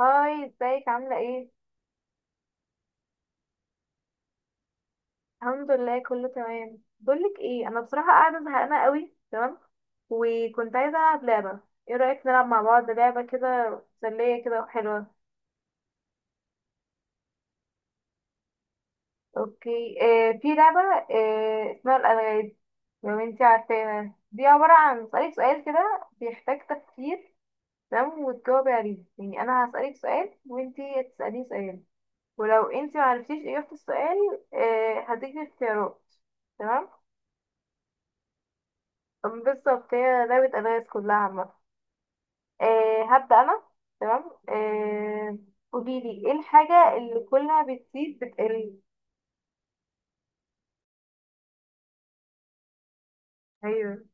هاي ازيك عاملة ايه؟ الحمد لله كله تمام. بقولك ايه انا بصراحة قاعدة زهقانة قوي. تمام وكنت عايزة العب لعبة. ايه رأيك نلعب مع بعض لعبة كده مسلية كده وحلوة؟ اوكي، في لعبة، اسمها الألغاز. لو انتي عارفاها دي عبارة عن اسألك سؤال كده بيحتاج تفكير. تمام وتجاوبي عليه. يعني انا هسألك سؤال وانتي هتسأليني سؤال. ولو انتي معرفتيش اجابة السؤال هديكي اختيارات. تمام. بالظبط هي لعبة ألغاز كلها عامة. هبدأ أنا. تمام. قوليلي ايه الحاجة اللي كلها بتزيد بتقل؟ ايوه.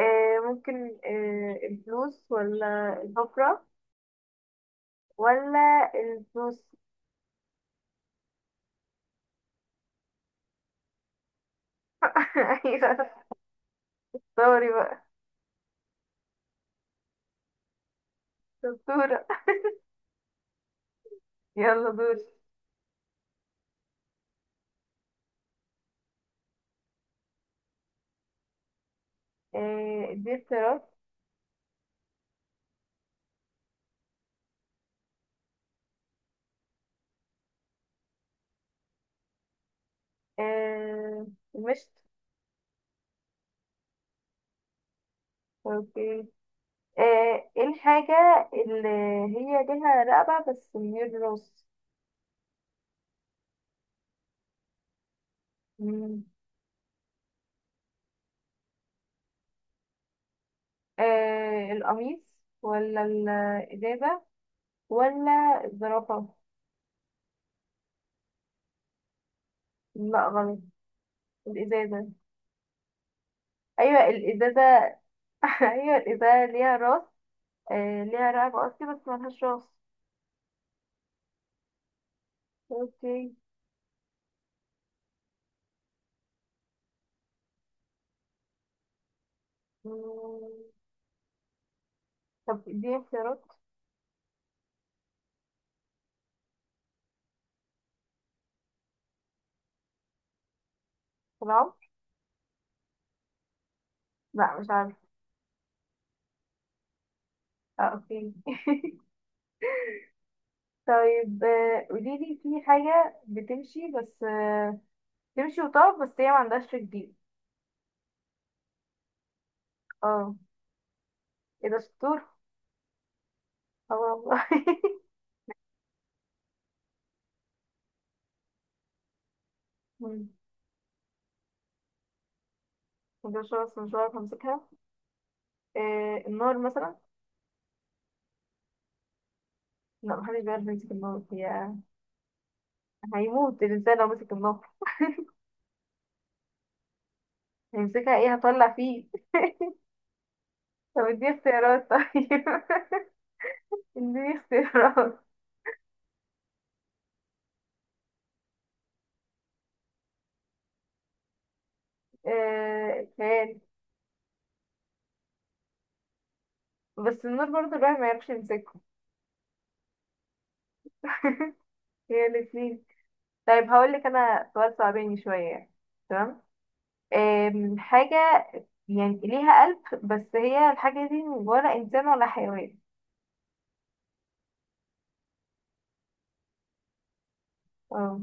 ممكن، الفلوس ولا الحفرة ولا الفلوس؟ ايوه. دوري بقى دكتورة. يلا دوري. دي اختيارات. آه مشت. اوكي. ايه الحاجة اللي هي ليها رقبة بس من غير راس؟ مم. القميص ولا الإزازة ولا الزرافة؟ لا غلط. الإزازة. أيوة الإزازة. أيوة الإزازة ليها راس. ليها رقبة قصدي بس ملهاش راس. اوكي. مم. طب دي اختيارات؟ في العمر. لا مش عارفة. اه اوكي. طيب، قوليلي في حاجة بتمشي بس تمشي وتقف بس هي ما عندهاش رجلين. اه. ايه ده؟ شطور. اه والله. مم. ده شخص مش عارف امسكها. النار مثلا؟ لا محدش بيعرف يمسك النار. هي هيموت الإنسان لو مسك النار. هيمسكها ايه؟ هطلع فيه. طب اديني اختيارات طيب. اديني اختيارات. آه، الخيال. بس النار برضه الواحد ما يعرفش يمسكه. هي الاتنين. طيب هقول لك انا سؤال صعباني شوية يعني. تمام. حاجة يعني ليها قلب بس هي الحاجة دي ولا إنسان ولا حيوان. اه.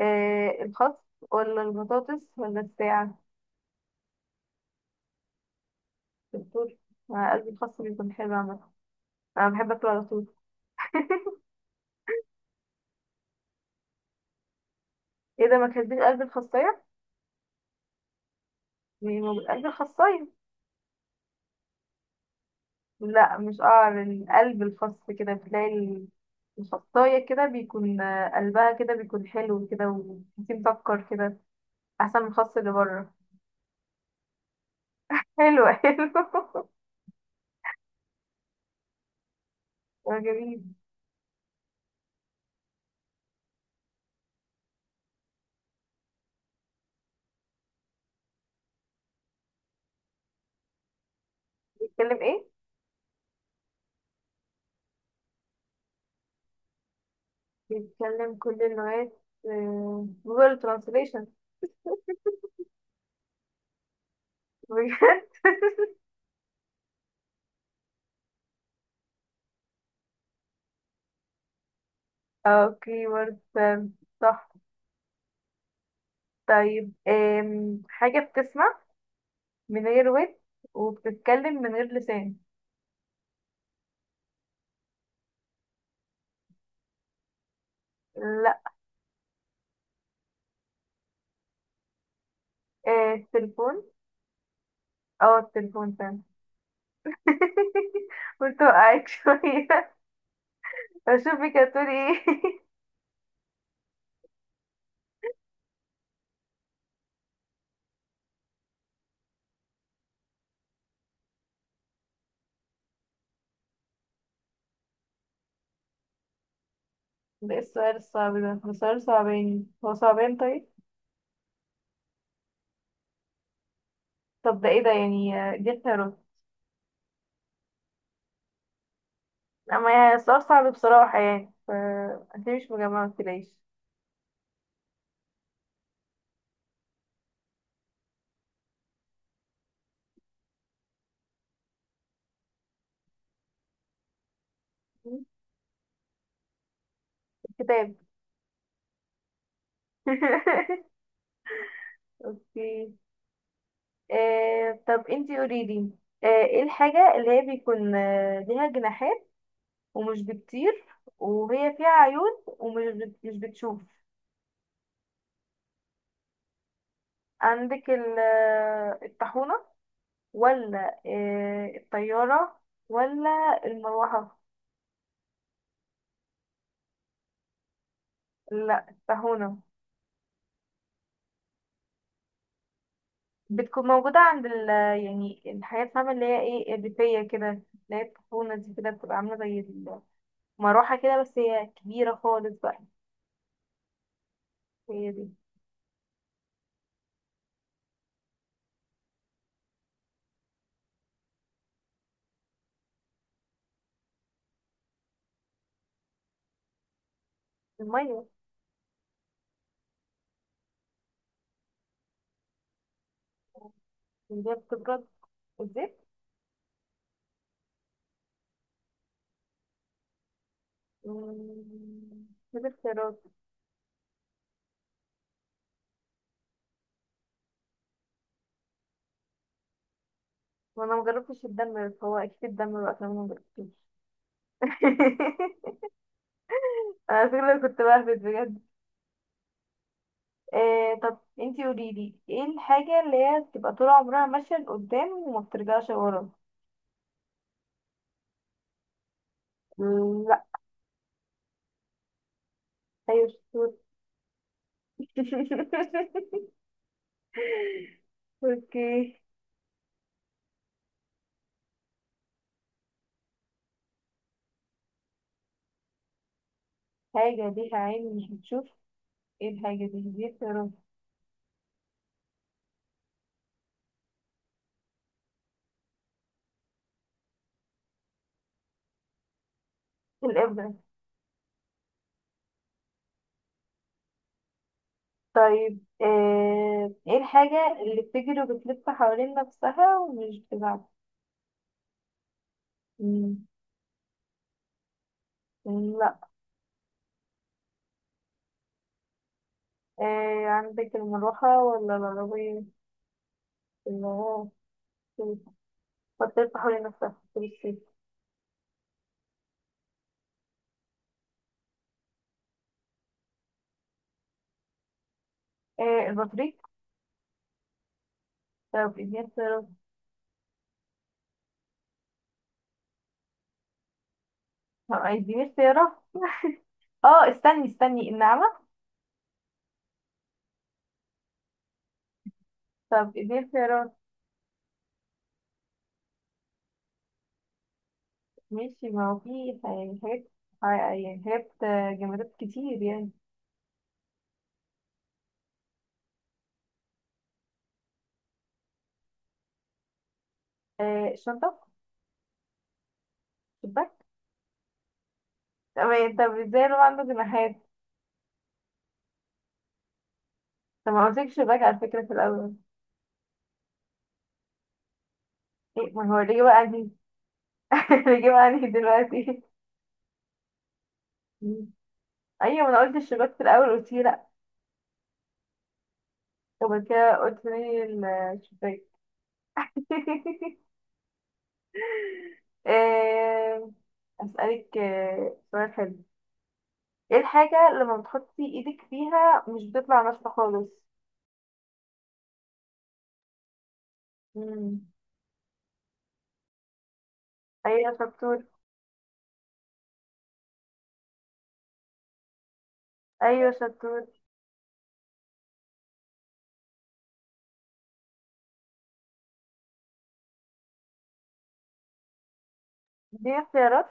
الخس ولا البطاطس ولا الساعة؟ بالدور. مع قلب الخاص بيكون حلو عامة. أنا بحب أكله على طول. إيه ده؟ ما كاتبين قلب الخاصية؟ يعني ما بال- قلب الخاصية. لا مش قعر القلب الخاص كده بتلاقي الخاصية كده بيكون، قلبها كده بيكون حلو كده. وفيه مسكر كده أحسن من الخاص اللي بره. حلو حلو. آه، جميل. بيتكلم إيه؟ بيتكلم كل اللغات، جوجل ترانسليشن. اوكي ورد، صح. طيب، حاجة بتسمع من غير ود وبتتكلم من غير لسان. لا. التليفون. اه التليفون فعلا. كنت وقعت شوية. اشوفك هتقولي ايه. ده إيه السؤال الصعب ده. ده سؤال صعباني، هو صعبان طيب. طب ده ايه ده؟ يعني دي اختيارات. اما يعني السؤال صعب بصراحة يعني انت مش مجمعة متلاقيش. كتاب. اوكي. طب انتي قوليلي، ايه الحاجة اللي هي بيكون ليها جناحات ومش بتطير وهي فيها عيون ومش بت- مش بتشوف؟ عندك الطاحونة ولا الطيارة ولا المروحة. لا الطاحونة. بتكون موجودة عند يعني الحاجات، فاهمة، اللي هي ايه الريفية كده، اللي هي الطاحونة دي كده بتبقى عاملة زي المروحة كده بس هي كبيرة خالص بقى. هي دي. المية. اللي هي بتبرد؟ الزيت. مم، كده اختيارات. وانا مجربتش الدم فهو اكيد الدم بقى عشان انا مجربتوش. انا فكرة كنت بهبت بجد. إيه طب انتي قوليلي ايه الحاجة اللي هي بتبقى طول عمرها ماشية لقدام وما بترجعش ورا؟ مم، لا. ايوه شطور. اوكي. حاجة ليها عين مش بتشوف. ايه الحاجة دي؟ دي يا رب. الإبرة. طيب، ايه الحاجة اللي بتجري وبتلف حوالين نفسها ومش بتتعب؟ مم، لا. إيه عندك المروحة ولا العربية اللي هو بطارية تحولي نفسها بالسيف؟ إيه، البطريق. طب اديني اختيارات. طب اديني اختيارات. اه استني استني، النعمة. طب اديني اختيارات. ماشي ما هو في يعني حاجات، يعني حاجات جمادات كتير يعني. إيه، الشنطة؟ شباك. تمام. طب ازاي لو عنده جناحات؟ طب ما قلتلكش شباك على فكرة في الأول. ايه ما هو الإجابة عندي. الإجابة عندي دلوقتي. ايوه ما انا قلت الشباك في الأول، قلت لي لأ. طب كده قلت لي الشباك. آه، أسألك سؤال حلو. ايه الحاجة لما بتحطي ايدك فيها مش بتطلع ناشفة خالص؟ مم. ايوه شطور. ايوه شطور. دي اختيارات.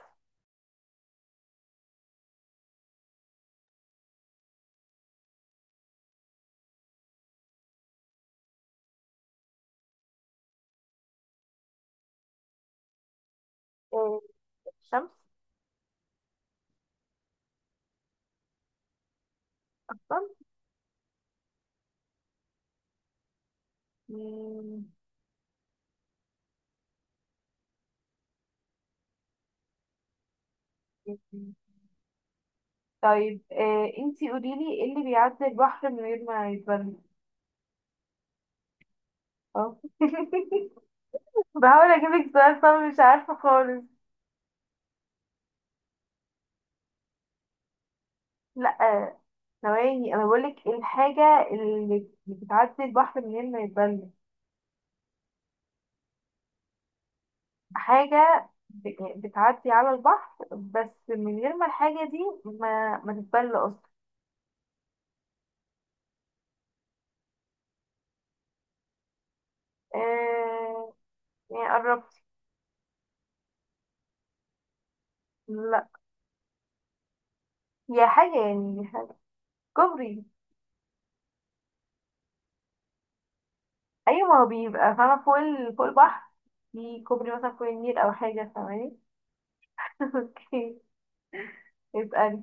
آه، الشمس اصلا. مم. طيب، انتي قوليلي ايه اللي بيعدي البحر من غير ما يتبل؟ اه. بحاول اجيبك سؤال صعب مش عارفة خالص. لا. ثواني انا بقولك إيه الحاجة اللي بتعدي البحر من غير ما يتبل. حاجة يعني بتعدي على البحر بس من غير ما الحاجة دي ما تتبل اصلا. آه، يعني قربت. لا. هي حاجة يعني حاجة. كوبري. ايوه ما هو بيبقى فاهمة فوق البحر. في كوبري مثلا فوق النيل او حاجة ثواني. اوكي. اسألي.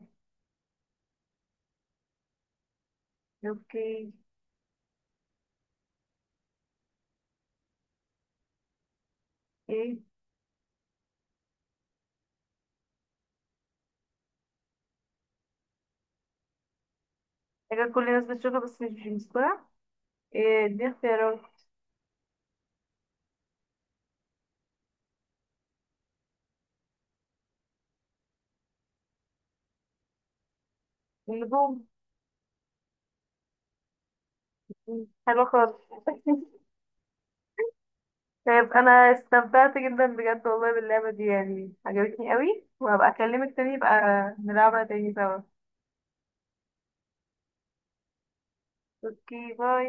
اوكي. ايه؟ حاجة كل الناس بتشوفها بس مش بسرعة. إيه، دي اختيارات؟ النجوم. حلوة خالص. طيب انا استمتعت جدا بجد والله باللعبة دي، يعني عجبتني قوي. وهبقى اكلمك تاني يبقى نلعبها تاني سوا. اوكي باي.